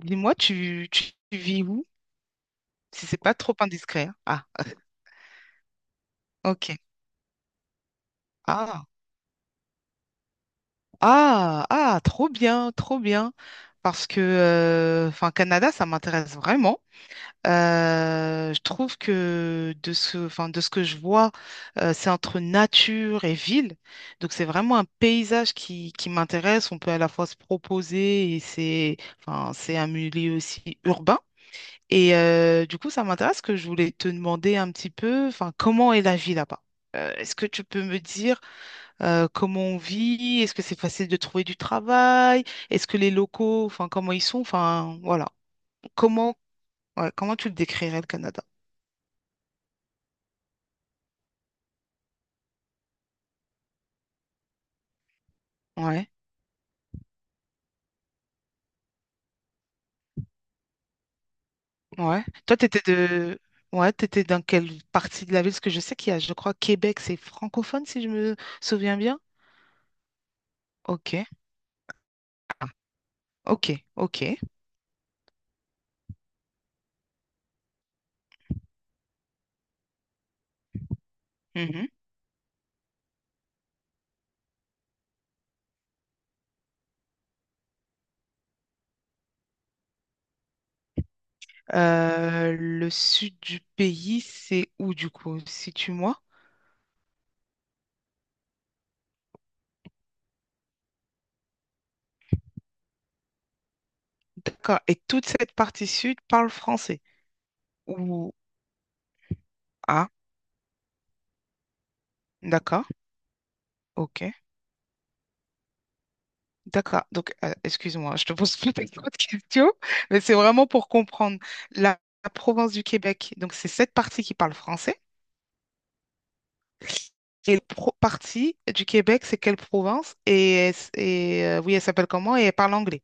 Dis-moi, tu vis où? Si c'est pas trop indiscret, hein. Ah, ok. Ah, trop bien, trop bien. Parce que, Canada, ça m'intéresse vraiment. Je trouve que de ce, de ce que je vois, c'est entre nature et ville. Donc, c'est vraiment un paysage qui m'intéresse. On peut à la fois se proposer et c'est, c'est un milieu aussi urbain. Et du coup, ça m'intéresse que je voulais te demander un petit peu, enfin, comment est la vie là-bas? Est-ce que tu peux me dire comment on vit? Est-ce que c'est facile de trouver du travail? Est-ce que les locaux, enfin, comment ils sont? Enfin, voilà. Comment, ouais, comment tu le décrirais, le Canada? Ouais, ouais. Ouais, t'étais dans quelle partie de la ville? Parce que je sais qu'il y a, je crois, Québec, c'est francophone, si je me souviens bien. Ok, ok, ok. Le sud du pays, c'est où du coup? Situe-moi. D'accord. Et toute cette partie sud parle français. Ou... Ah, d'accord. Ok. D'accord. Donc, excuse-moi, je te pose plein d'autres questions, mais c'est vraiment pour comprendre la province du Québec. Donc, c'est cette partie qui parle français. Et la partie du Québec, c'est quelle province? Et, et oui, elle s'appelle comment? Et elle parle anglais.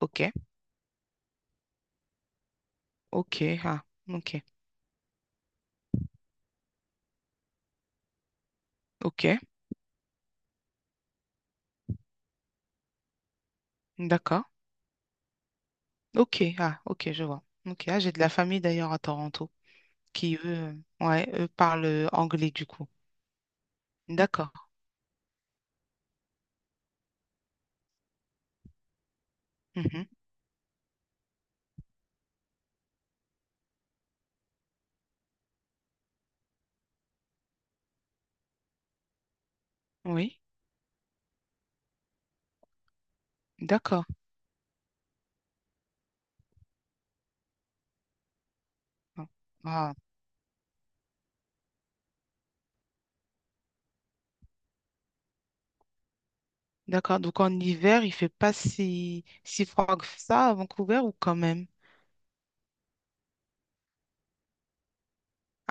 Ok. Ok. Ah, ok. Ok. D'accord. Ok, ah, ok, je vois. Ok, ah, j'ai de la famille d'ailleurs à Toronto qui, eux, ouais, eux parlent anglais du coup. D'accord. Mhm. Oui, d'accord. Ah, ah, d'accord. Donc en hiver, il fait pas si froid que ça à Vancouver ou quand même?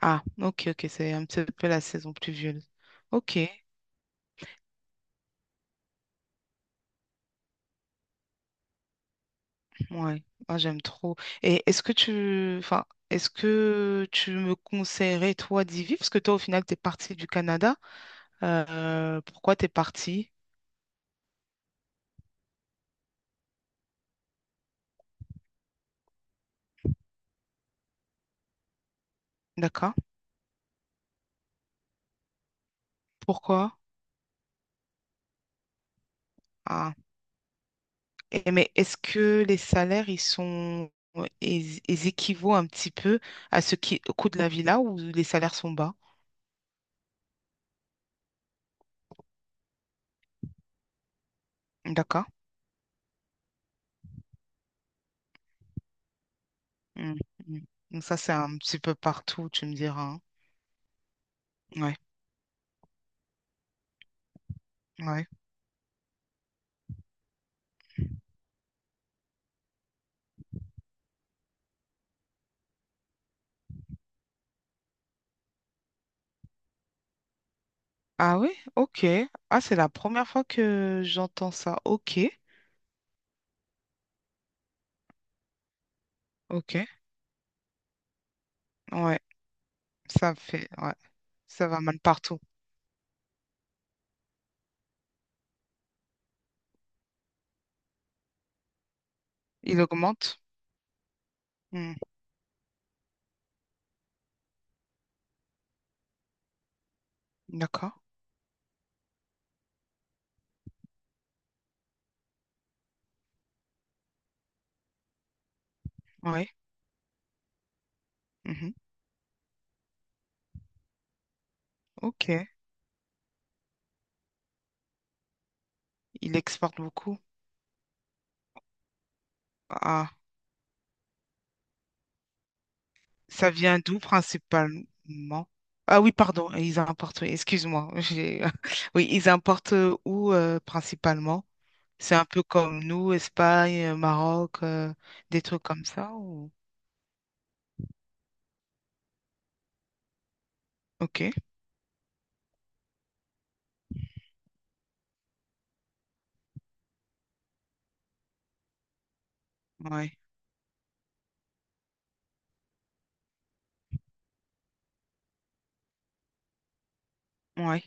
Ah, ok, ok, c'est un petit peu la saison pluvieuse. Ok, ouais, ah, j'aime trop. Et est-ce que tu, enfin, est-ce que tu me conseillerais toi d'y vivre? Parce que toi, au final, t'es parti du Canada. Pourquoi t'es parti? D'accord. Pourquoi? Ah. Et mais est-ce que les salaires, ils équivaut un petit peu à ce qui, au coût de la vie là où les salaires sont bas? D'accord. Mm, mm. Donc ça, c'est un petit peu partout, tu me diras, hein. Ouais, ouais. Ah oui? Ok. Ah, c'est la première fois que j'entends ça. Ok, ok. Ouais, ça fait, ouais, ça va mal partout. Il augmente. Mm. D'accord. Ouais. Mhm. Ok. Il exporte beaucoup. Ah, ça vient d'où principalement? Ah oui, pardon, ils importent, oui, excuse-moi. Oui, ils importent où principalement? C'est un peu comme nous, Espagne, Maroc, des trucs comme ça ou... Ok, ouais, ouais.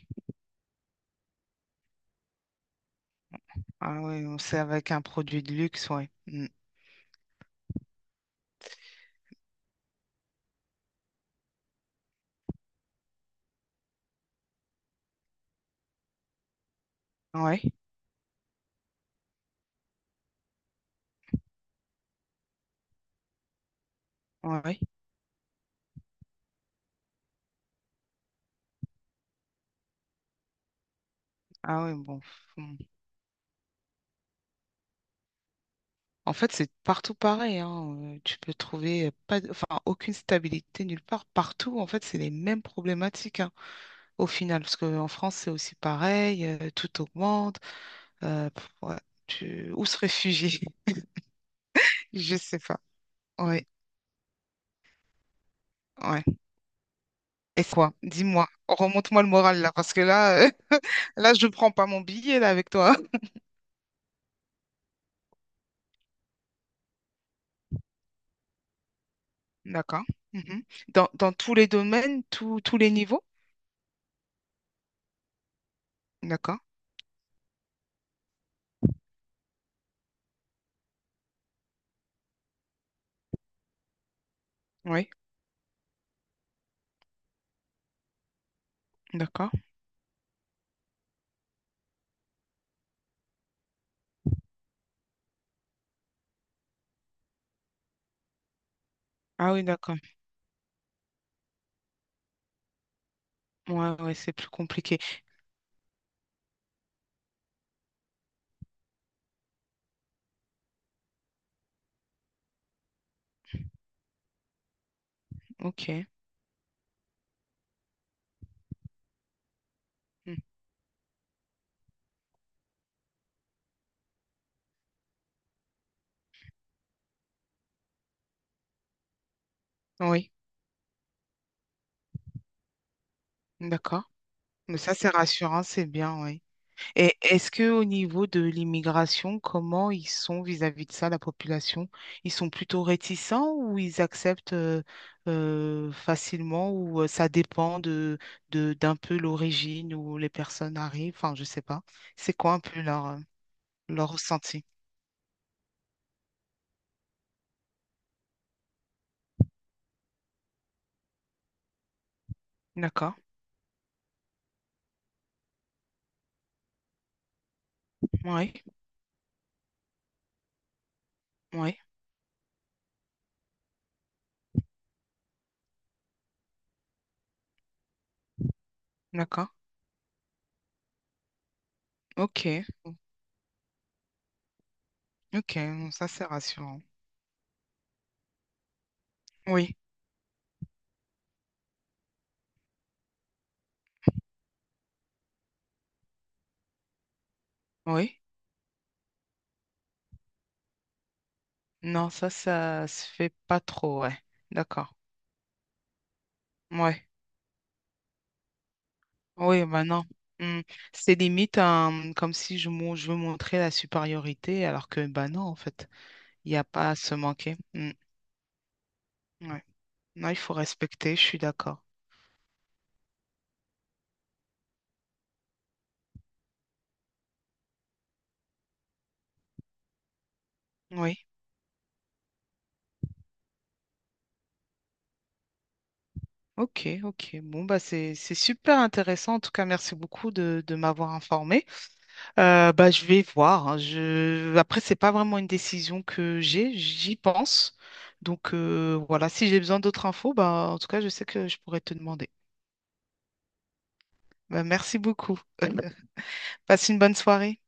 Ah oui, c'est avec un produit de luxe, ouais. Mm. Ouais, ouais. Ah oui, bon. Hmm. En fait, c'est partout pareil, hein. Tu peux trouver pas, enfin, aucune stabilité nulle part. Partout, en fait, c'est les mêmes problématiques, hein. Au final, parce qu'en France, c'est aussi pareil, tout augmente. Ouais, où se réfugier? Je sais pas. Oui. Ouais. Et quoi? Dis-moi, remonte-moi le moral là, parce que là, je ne prends pas mon billet là avec toi. D'accord. Mhm. Dans tous les domaines, tous les niveaux? D'accord. Oui, d'accord. Ah oui, d'accord. Ouais, ouais, c'est plus compliqué. Ok. Mm. Oui, d'accord. Mais ça, c'est rassurant, c'est bien, oui. Et est-ce que au niveau de l'immigration, comment ils sont vis-à-vis de ça, la population? Ils sont plutôt réticents ou ils acceptent facilement ou ça dépend d'un peu l'origine où les personnes arrivent? Enfin, je sais pas. C'est quoi un peu leur ressenti? D'accord. Oui, oui, d'accord. Ok, ok. Non, ça, c'est rassurant. Oui, oui. Non, ça se fait pas trop, ouais. D'accord. Ouais. Oui, bah non. Mm. C'est limite comme si je, je veux montrer la supériorité, alors que bah non, en fait, il n'y a pas à se manquer. Mm. Ouais. Non, il faut respecter, je suis d'accord. Oui, ok, ok. Bon, bah c'est super intéressant. En tout cas, merci beaucoup de m'avoir informé. Bah, je vais voir, hein. Je... Après, c'est pas vraiment une décision j'y pense. Donc voilà, si j'ai besoin d'autres infos, bah en tout cas, je sais que je pourrais te demander. Bah, merci beaucoup. Passe une bonne soirée.